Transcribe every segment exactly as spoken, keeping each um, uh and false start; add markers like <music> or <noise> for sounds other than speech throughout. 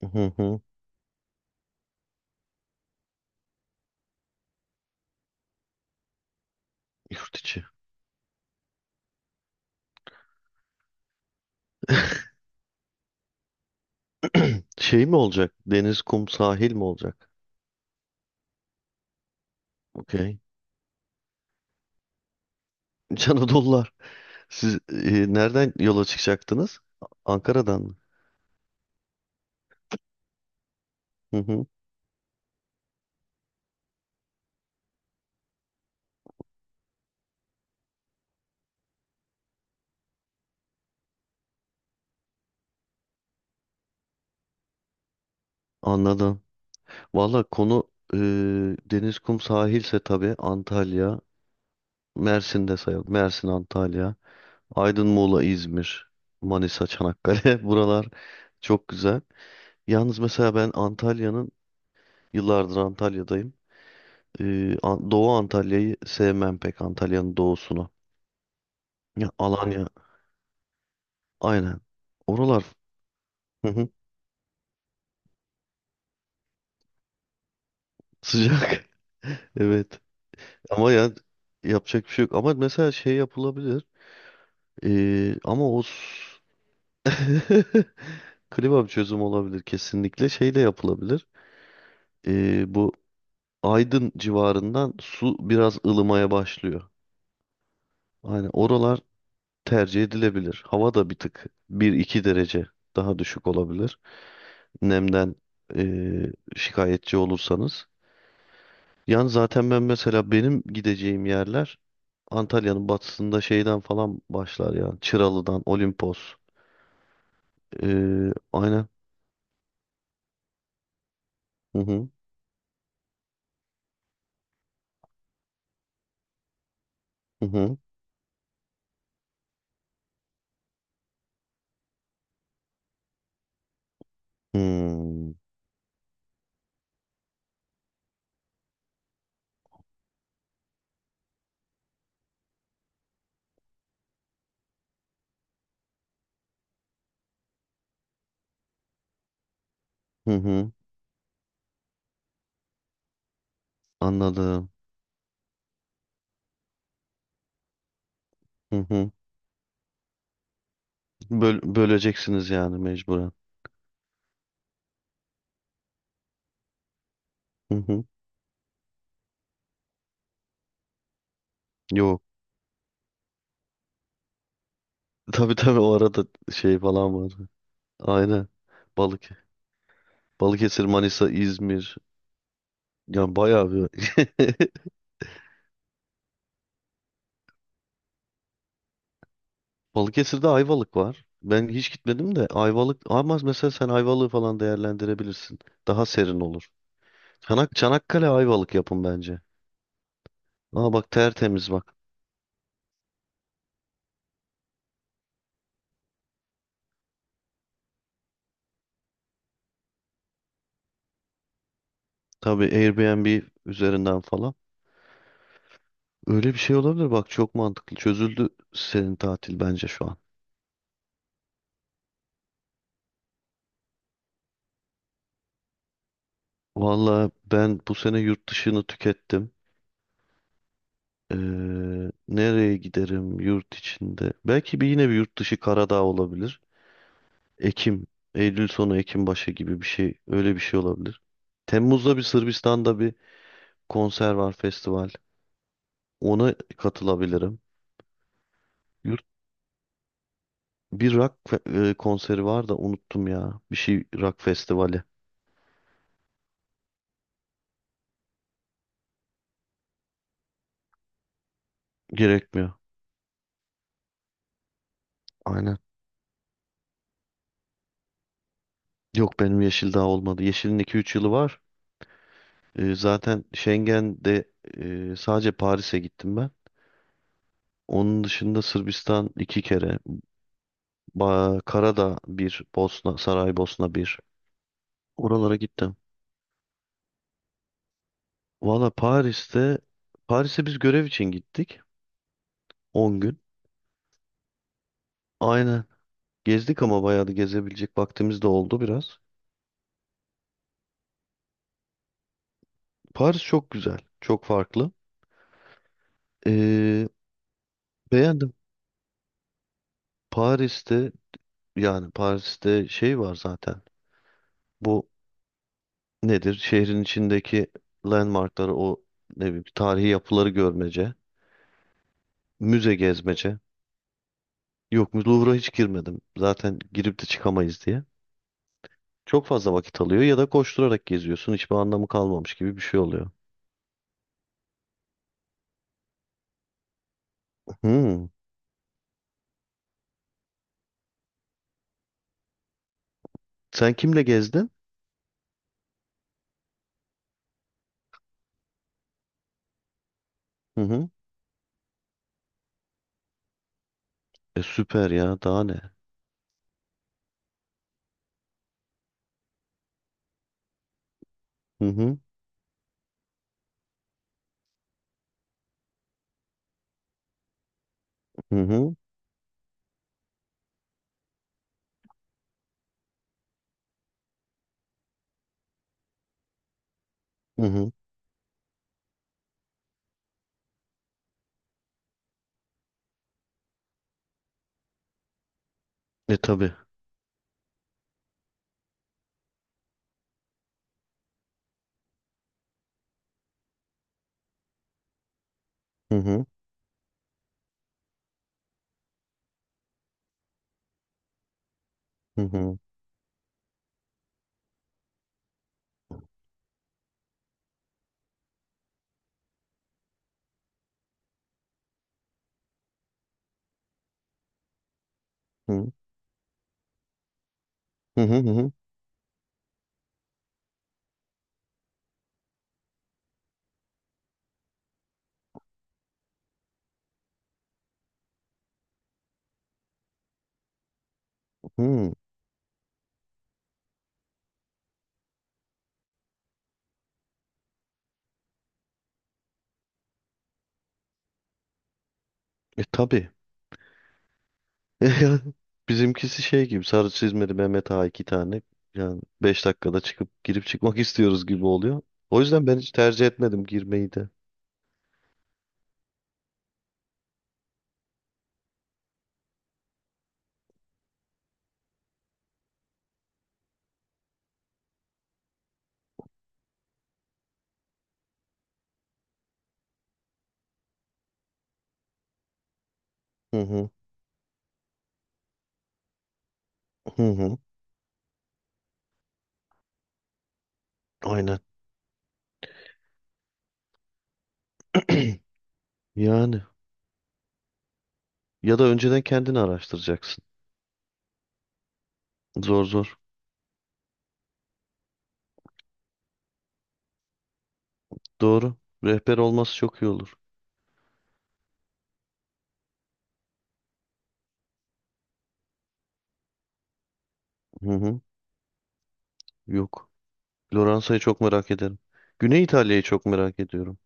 Hı hı. Yurt içi. <clears throat> Şey mi olacak? Deniz, kum, sahil mi olacak? Okey. <laughs> İç Anadolular. Siz e, nereden yola çıkacaktınız? Ankara'dan mı? Hı hı. Anladım. Valla konu e, deniz, kum, sahilse tabii Antalya, Mersin de sayalım. Mersin, Antalya, Aydın, Muğla, İzmir, Manisa, Çanakkale. <laughs> Buralar çok güzel. Yalnız mesela ben Antalya'nın, yıllardır Antalya'dayım. Ee, An- Doğu Antalya'yı sevmem pek Antalya'nın doğusunu. Ya Alanya aynen. Oralar hı hı, sıcak. <laughs> Evet. Ama ya yapacak bir şey yok. Ama mesela şey yapılabilir. Ee, ama o s- <laughs> Kebap çözüm olabilir kesinlikle. Şey de yapılabilir. Ee, bu Aydın civarından su biraz ılımaya başlıyor. Aynen oralar tercih edilebilir. Hava da bir tık bir iki derece daha düşük olabilir. Nemden eee, şikayetçi olursanız. Yani zaten ben mesela benim gideceğim yerler Antalya'nın batısında şeyden falan başlar yani. Çıralı'dan, Olimpos. Eee aynen. Hı hı. Hı hı. Hmm, hı hı. Anladım. Hı hı. Böl- böleceksiniz yani mecburen. Hı hı. Yok. <laughs> Tabii tabii o arada şey falan var. Aynen. Balık. Balıkesir, Manisa, İzmir. Yani bayağı bir. <laughs> Balıkesir'de Ayvalık var. Ben hiç gitmedim de Ayvalık ama mesela sen Ayvalık'ı falan değerlendirebilirsin. Daha serin olur. Çanak, Çanakkale Ayvalık yapın bence. Aa bak tertemiz bak. Tabii Airbnb üzerinden falan. Öyle bir şey olabilir bak çok mantıklı. Çözüldü senin tatil bence şu an. Valla ben bu sene yurt dışını tükettim. Ee, Nereye giderim yurt içinde? Belki bir yine bir yurt dışı Karadağ olabilir. Ekim, Eylül sonu Ekim başı gibi bir şey öyle bir şey olabilir. Temmuz'da bir Sırbistan'da bir konser var, festival. Ona katılabilirim. Yurt, Bir rock fe- e, konseri var da unuttum ya. Bir şey rock festivali. Gerekmiyor. Aynen. Yok benim Yeşil daha olmadı. Yeşil'in iki üç yılı var. E, zaten Schengen'de e, sadece Paris'e gittim ben. Onun dışında Sırbistan iki kere. Ba Karadağ bir, Bosna, Saraybosna bir. Oralara gittim. Valla Paris'te, Paris'e biz görev için gittik. On gün. Aynen. Gezdik ama bayağı da gezebilecek vaktimiz de oldu biraz. Paris çok güzel, çok farklı. Ee, Beğendim. Paris'te yani Paris'te şey var zaten. Bu nedir? Şehrin içindeki landmarkları o ne bileyim tarihi yapıları görmece, müze gezmece. Yok Louvre'a hiç girmedim. Zaten girip de çıkamayız diye. Çok fazla vakit alıyor ya da koşturarak geziyorsun. Hiçbir anlamı kalmamış gibi bir şey oluyor. Hmm. Sen kimle gezdin? Hı hı. E, süper ya daha ne? Hı hı. Hı hı. Hı hı. E tabii. Hı hı. Hı hı. Hı hı. Hı hı. Hı. E tabii. <laughs> Yani bizimkisi şey gibi sarı çizmeli Mehmet Ağa iki tane. Yani beş dakikada çıkıp girip çıkmak <laughs> istiyoruz gibi oluyor. O yüzden ben hiç tercih etmedim girmeyi de. Hı hı. Hı hı. Aynen. <clears throat> Yani ya da önceden kendini araştıracaksın. Zor zor. Doğru. Rehber olması çok iyi olur. Hı hı. Yok. Floransa'yı çok merak ederim. Güney İtalya'yı çok merak ediyorum.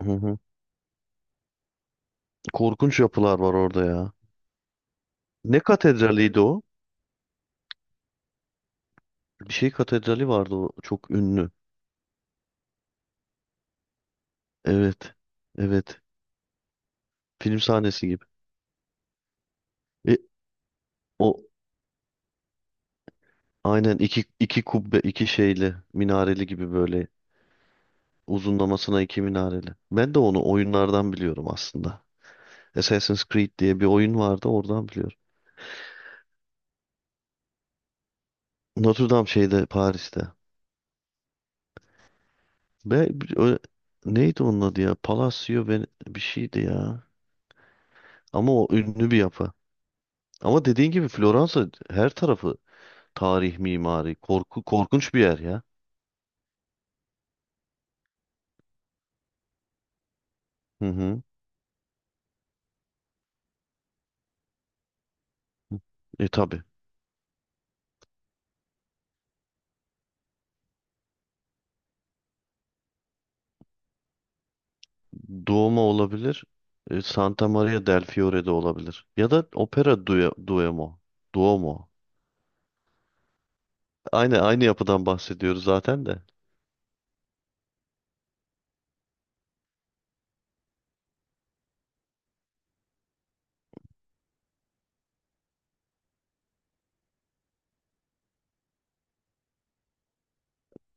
Hı hı. Korkunç yapılar var orada ya. Ne katedraliydi o? Bir şey katedrali vardı o çok ünlü. Evet. Evet. Film sahnesi gibi. E, O aynen iki iki kubbe iki şeyli minareli gibi böyle uzunlamasına iki minareli. Ben de onu oyunlardan biliyorum aslında. Assassin's Creed diye bir oyun vardı oradan biliyorum. Notre Dame şeyde Paris'te. Ve bir- ö- neydi onun adı ya? Palacio ve bir şeydi ya. Ama o ünlü bir yapı. Ama dediğin gibi Floransa her tarafı tarih, mimari, korku korkunç bir yer ya. Hı hı. E tabii. Duomo olabilir. E, Santa Maria del Fiore'de olabilir. Ya da Opera Due Duomo. Duomo. Aynı aynı yapıdan bahsediyoruz zaten de.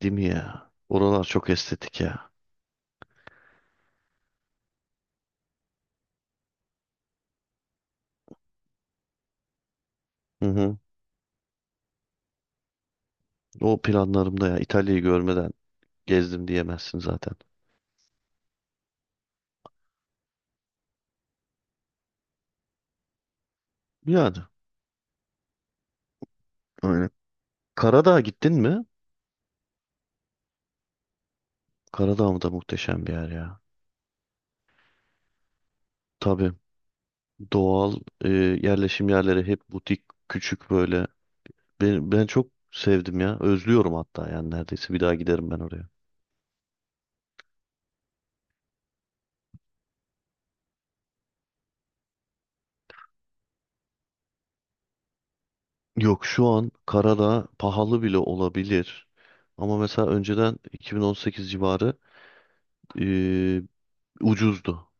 Değil mi ya? Oralar çok estetik ya. Hı hı. O planlarımda ya. İtalya'yı görmeden gezdim diyemezsin zaten. Yani. Aynen. Karadağ'a gittin mi? Karadağ mı da muhteşem bir yer ya. Tabii. Doğal e, yerleşim yerleri hep butik, küçük böyle. Ben, ben çok sevdim ya. Özlüyorum hatta yani neredeyse bir daha giderim ben oraya. Yok şu an Karadağ pahalı bile olabilir. Ama mesela önceden iki bin on sekiz civarı eee, ucuzdu.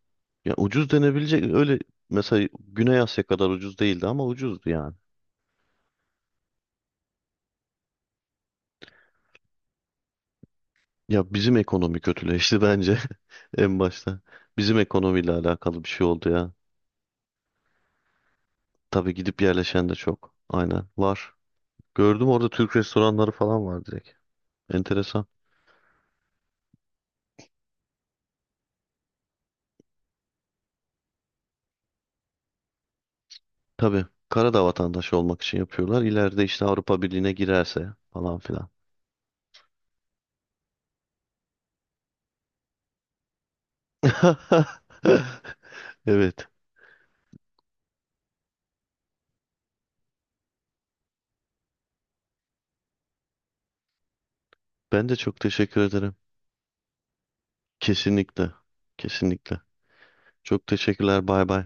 Ya ucuz denebilecek öyle mesela Güney Asya kadar ucuz değildi ama ucuzdu yani. Ya bizim ekonomi kötüleşti bence <laughs> en başta. Bizim ekonomiyle alakalı bir şey oldu ya. Tabii gidip yerleşen de çok. Aynen var. Gördüm orada Türk restoranları falan var direkt. Enteresan. Tabii Karadağ vatandaşı olmak için yapıyorlar. İleride işte Avrupa Birliği'ne girerse falan filan. <laughs> Evet. Ben de çok teşekkür ederim. Kesinlikle. Kesinlikle. Çok teşekkürler. Bay bay.